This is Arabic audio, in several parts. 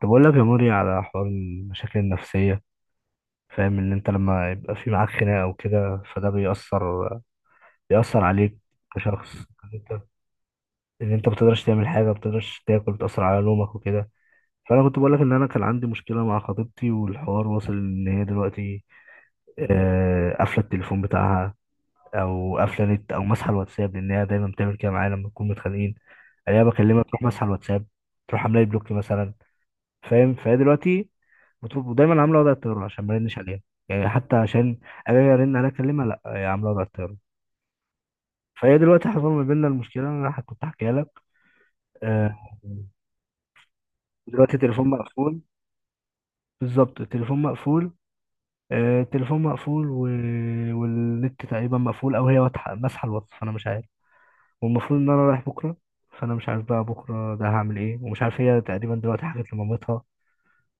طب اقول لك يا موري على حوار المشاكل النفسية. فاهم ان انت لما يبقى في معاك خناقة وكده فده بيأثر عليك كشخص، ان انت ان انت بتقدرش تعمل حاجة، بتقدرش تاكل، بتأثر على نومك وكده. فانا كنت بقول لك ان انا كان عندي مشكلة مع خطيبتي، والحوار واصل ان هي دلوقتي قافلة التليفون بتاعها او قافلة نت او ماسحة الواتساب، لان هي دايما بتعمل كده معايا لما نكون متخانقين. الاقيها بكلمها تروح ماسحة الواتساب، تروح عاملة لي بلوك مثلا. فاهم؟ فهي دلوقتي بتطلب ودايما عامله وضع الطياره عشان ما ارنش عليها، يعني حتى عشان اجي ارن عليها اكلمها، لا، هي عامله وضع الطياره. فهي دلوقتي حصل ما بيننا المشكله اللي انا كنت احكيها لك. آه، دلوقتي التليفون مقفول. بالظبط التليفون مقفول. التليفون مقفول والنت تقريبا مقفول، او هي واضحه ماسحه الواتس، فانا مش عارف. والمفروض ان انا رايح بكره. فانا مش عارف بقى بكره ده هعمل ايه، ومش عارف هي تقريبا دلوقتي حكت لمامتها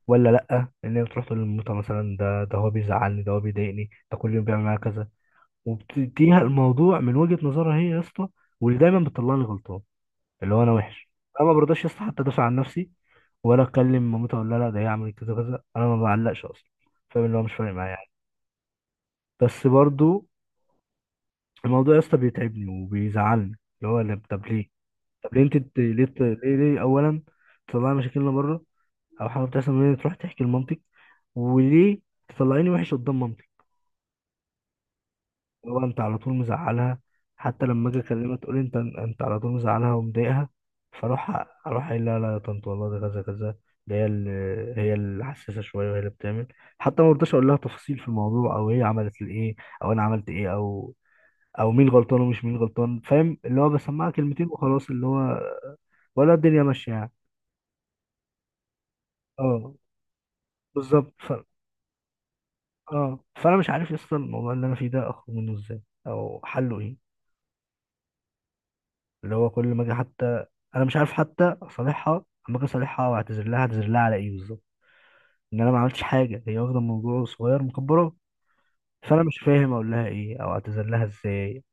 ولا لأ. إن هي بتروح تقول لمامتها مثلا ده هو بيزعلني، ده هو بيضايقني، ده كل يوم بيعمل معايا كذا، وبتنهي الموضوع من وجهة نظرها هي يا اسطى، واللي دايما بتطلعني غلطان، اللي هو أنا وحش. أنا ما برضاش يا اسطى حتى أدافع عن نفسي ولا أتكلم مامتها أقول لها لا ده هي عملت كذا كذا. أنا ما بعلقش أصلا، فاهم؟ اللي هو مش فارق معايا يعني، بس برضو الموضوع يا اسطى بيتعبني وبيزعلني. اللي هو طب ليه؟ طب ليه أنت ليه أولا تطلعي مشاكلنا بره؟ أو حاجة بتحصل من هنا تروح تحكي لمامتك. وليه تطلعيني وحش قدام مامتي؟ هو انت على طول مزعلها؟ حتى لما اجي اكلمها تقول انت على طول مزعلها ومضايقها. فاروح قايل لها لا يا طنط والله ده كذا كذا، ده هي اللي حساسه شويه وهي اللي بتعمل. حتى ما برضاش اقول لها تفاصيل في الموضوع او هي عملت الايه او انا عملت ايه، او مين غلطان ومش مين غلطان، فاهم؟ اللي هو بسمعها كلمتين وخلاص، اللي هو ولا الدنيا ماشيه يعني. اه، بالظبط. اه، فانا مش عارف اصلا الموضوع اللي انا فيه ده اخرج منه ازاي او حله ايه. اللي هو كل ما اجي حتى، انا مش عارف حتى اصالحها. اما اجي اصالحها واعتذر لها، اعتذر لها على ايه بالظبط؟ ان انا ما عملتش حاجه، هي واخده الموضوع صغير مكبره. فانا مش فاهم اقول لها ايه او اعتذر لها ازاي.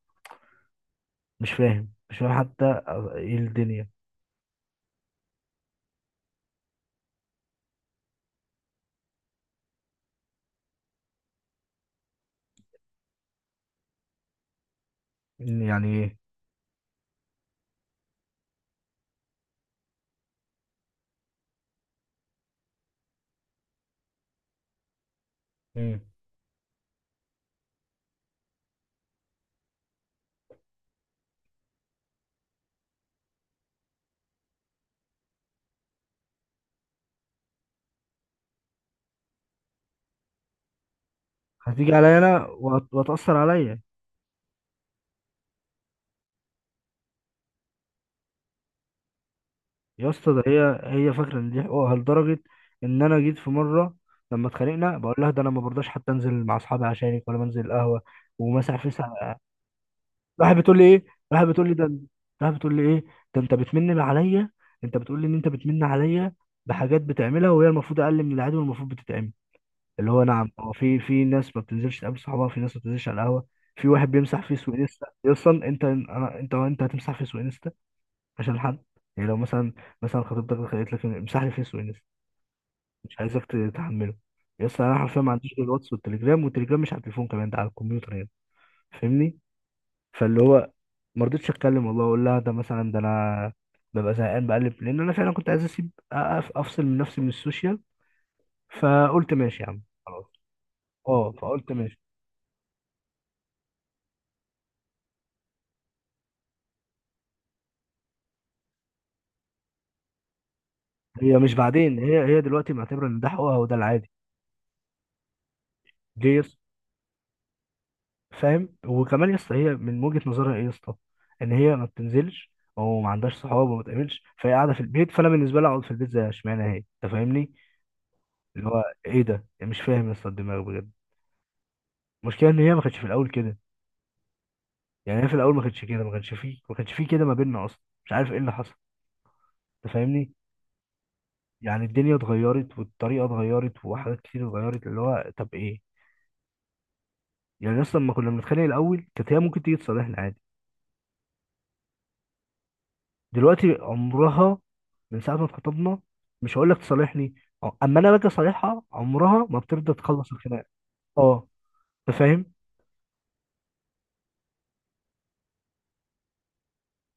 مش فاهم حتى ايه الدنيا. إن يعني ايه؟ مم. هتيجي عليا انا وهتاثر عليا. يا اسطى ده هي فاكره ان دي حقوقها لدرجه ان انا جيت في مره لما اتخانقنا بقول لها ده انا ما برضاش حتى انزل مع اصحابي عشانك ولا بنزل القهوه ومسح فيس. راحت بتقول لي ايه راحت بتقول لي ده راحت بتقول لي ايه؟ ده انت بتمن عليا. انت بتقول لي ان انت بتمن عليا بحاجات بتعملها وهي المفروض اقل من العادي والمفروض بتتعمل. اللي هو نعم، هو في ناس ما بتنزلش تقابل صحابها، في ناس ما بتنزلش على القهوه، في واحد بيمسح فيس وانستا، إيه اصلا؟ انت انا انت انت هتمسح فيس وانستا عشان حد؟ يعني لو مثلا خطيبتك قالت لك امسح لي فيس وانستا، مش عايزك تتحمله. يس، انا حرفيا ما عنديش غير الواتس والتليجرام، والتليجرام مش على التليفون كمان، ده على الكمبيوتر يعني، فاهمني؟ فاللي هو ما رضيتش اتكلم والله، اقول لها ده مثلا ده انا ببقى زهقان بقلب، لان انا فعلا كنت عايز اسيب افصل من نفسي من السوشيال، فقلت ماشي يا عم خلاص. اه فقلت ماشي هي مش بعدين، هي دلوقتي معتبره ان ده حقوقها وده العادي. ليه يا اسطى؟ فاهم؟ وكمان يا اسطى، هي من وجهه نظرها ايه يا اسطى؟ ان هي ما بتنزلش او ما عندهاش صحاب وما بتقابلش، فهي قاعده في البيت، فانا بالنسبه لي اقعد في البيت زي، اشمعنى هي؟ انت فاهمني؟ اللي هو ايه ده؟ مش فاهم يا اسطى الدماغ بجد. المشكله ان هي ما كانتش في الاول كده. يعني هي في الاول ما كانتش كده، ما كانش فيه كده ما بيننا اصلا. مش عارف ايه اللي حصل، انت فاهمني؟ يعني الدنيا اتغيرت والطريقه اتغيرت وحاجات كتير اتغيرت، اللي هو طب ايه؟ يعني اصلا لما كنا بنتخانق الاول كانت هي ممكن تيجي تصالحنا عادي، دلوقتي عمرها، من ساعه ما اتخطبنا مش هقول لك تصالحني، اما انا باجي اصالحها عمرها ما بترضى تخلص الخناقه. اه، انت فاهم.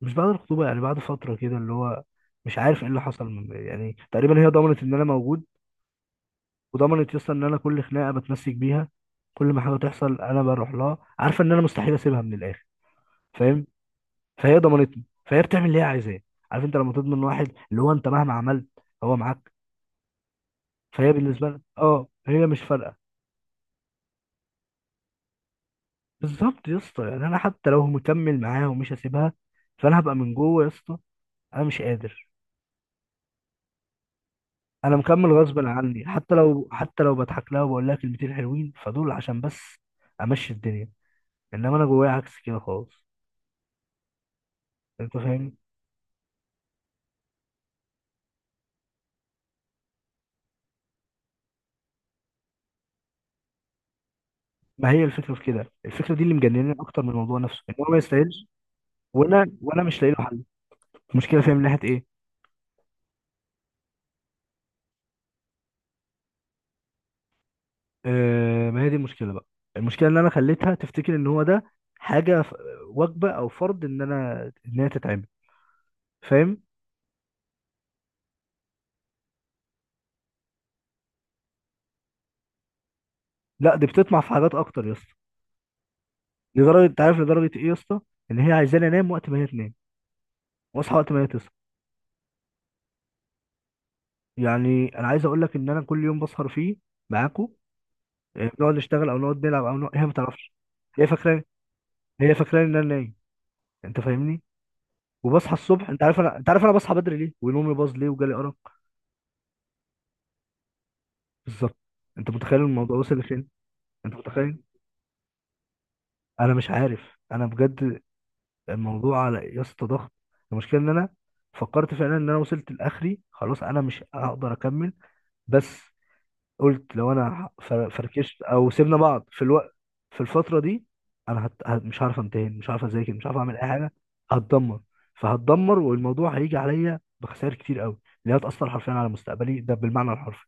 مش بعد الخطوبه، يعني بعد فتره كده، اللي هو مش عارف ايه اللي حصل. يعني تقريبا هي ضمنت ان انا موجود، وضمنت يسطا ان انا كل خناقه بتمسك بيها، كل ما حاجه تحصل انا بروح لها عارفه ان انا مستحيل اسيبها من الاخر، فاهم؟ فهي ضمنتني، فهي بتعمل اللي هي عايزاه. عارف انت لما تضمن واحد، اللي هو انت مهما عملت هو معاك، فهي بالنسبه لك هي مش فارقه. بالظبط يا اسطى، يعني انا حتى لو مكمل معاها ومش هسيبها، فانا هبقى من جوه يا اسطى. انا مش قادر، انا مكمل غصبا عني. حتى لو بضحك لها وبقول لها كلمتين حلوين، فدول عشان بس امشي الدنيا، انما انا جوايا عكس كده خالص، انت فاهم؟ ما هي الفكره في كده، الفكره دي اللي مجنناني اكتر من الموضوع نفسه، ان هو ما يستاهلش، وانا مش لاقي له حل. المشكله فيها من ناحيه ايه؟ آه، ما هي دي المشكله بقى. المشكله ان انا خليتها تفتكر ان هو ده حاجه، وجبه او فرض ان انا ان هي تتعمل، فاهم؟ لا، دي بتطمع في حاجات اكتر يا اسطى. لدرجه، انت عارف لدرجه ايه يا اسطى؟ ان هي عايزاني انام وقت ما هي تنام، واصحى وقت ما هي تصحى. يعني انا عايز اقول لك ان انا كل يوم بسهر فيه معاكم، بنقعد نشتغل او نقعد نلعب او هي ما تعرفش. هي فاكره هي فاكره ان انا نايم، انت فاهمني؟ وبصحى الصبح، انت عارف انا بصحى بدري ليه ونومي باظ ليه وجالي ارق. بالظبط. انت متخيل الموضوع وصل لفين؟ انت متخيل؟ انا مش عارف انا بجد، الموضوع على يا اسطى ضغط. المشكله ان انا فكرت فعلا ان انا وصلت لاخري، خلاص انا مش هقدر اكمل. بس قلت لو انا فركشت او سيبنا بعض في الوقت، في الفتره دي انا مش عارف امتحن، مش عارف اذاكر، مش عارف اعمل اي حاجه. هتدمر فهتدمر والموضوع هيجي عليا بخسائر كتير قوي اللي هتأثر حرفيا على مستقبلي، ده بالمعنى الحرفي.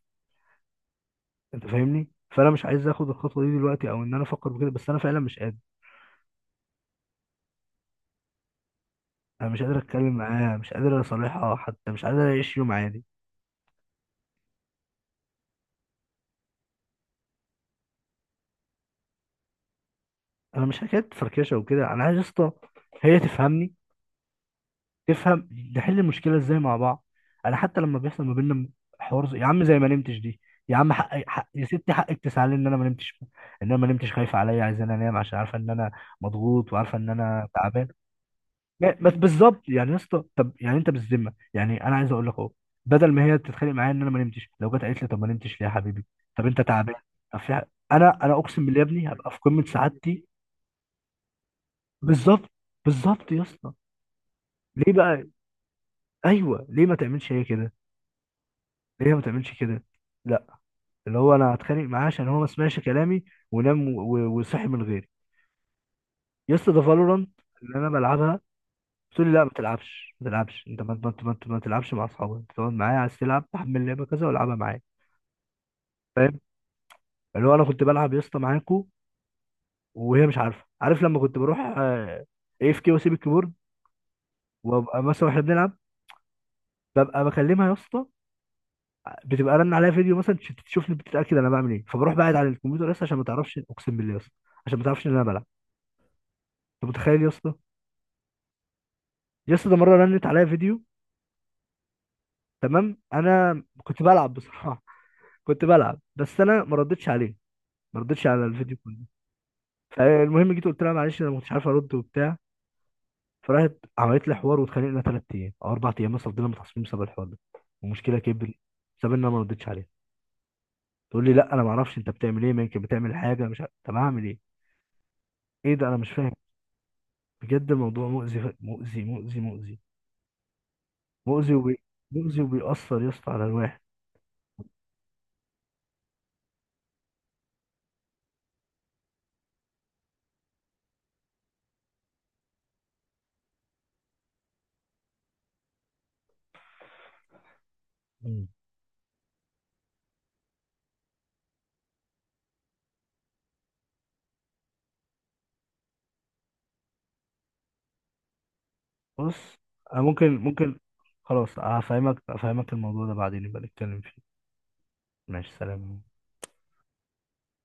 انت فاهمني؟ فانا مش عايز اخد الخطوه دي دلوقتي او ان انا افكر بكده، بس انا فعلا مش قادر. انا مش قادر اتكلم معاها، مش قادر اصالحها حتى، مش قادر اعيش يوم عادي. انا مش حكايه فركشه وكده، انا عايز يا اسطى هي تفهمني، تفهم نحل المشكله ازاي مع بعض. انا حتى لما بيحصل ما بيننا حوار، يا عم زي ما نمتش دي، يا عم حق يا ستي، حقك تزعلي ان انا ما نمتش، ان انا ما نمتش خايفه عليا، عايزاني انام عشان عارفه ان انا مضغوط وعارفه ان انا تعبان. لا، بس بالظبط يعني يا اسطى، طب يعني انت بالذمه يعني، انا عايز اقول لك اهو، بدل ما هي تتخانق معايا ان انا ما نمتش، لو جت قالت لي طب ما نمتش ليه يا حبيبي؟ طب انت تعبان؟ طب في حاجة- انا اقسم بالله يا ابني هبقى في قمه سعادتي. بالظبط، بالظبط يا اسطى. ليه بقى؟ ايوه، ليه ما تعملش هي كده؟ ليه ما تعملش كده؟ لا، اللي هو انا هتخانق معاه عشان هو ما سمعش كلامي ونام وصحي من غيري. يا اسطى ده فالورانت اللي انا بلعبها، تقول لي لا ما تلعبش، ما تلعبش انت، ما تلعبش مع اصحابك، انت تقعد معايا، عايز تلعب تحمل لعبه كذا والعبها معايا. فاهم؟ اللي هو انا كنت بلعب يا اسطى معاكو وهي مش عارفه. عارف لما كنت بروح AFK واسيب الكيبورد، وابقى مثلا واحنا بنلعب ببقى بكلمها يا اسطى، بتبقى رن عليا فيديو مثلا تشوفني بتتاكد انا بعمل ايه، فبروح بعد على الكمبيوتر لسه عشان ما تعرفش، اقسم بالله يا اسطى، عشان ما تعرفش ان انا بلعب. انت متخيل يا اسطى؟ يا اسطى ده مره رنت عليا فيديو، تمام انا كنت بلعب بصراحه. كنت بلعب بس انا ما ردتش عليه، ما ردتش على الفيديو كله. فالمهم جيت قلت لها معلش انا ما كنتش عارف ارد وبتاع، فراحت عملت لي حوار واتخانقنا 3 ايام او 4 ايام مثلا، فضلنا متعصبين بسبب الحوار ده، المشكله كبرت بسبب ان انا ما ردتش عليها. تقول لي لا انا ما اعرفش انت بتعمل ايه، ما يمكن بتعمل حاجه، مش عارف، طب اعمل ايه؟ ايه ده؟ انا مش فاهم. بجد الموضوع مؤذي مؤذي مؤذي مؤذي مؤذي مؤذي وبيأثر يا اسطى على الواحد. مم. بص، انا ممكن خلاص، هفهمك الموضوع ده بعدين يبقى نتكلم فيه. ماشي، سلام.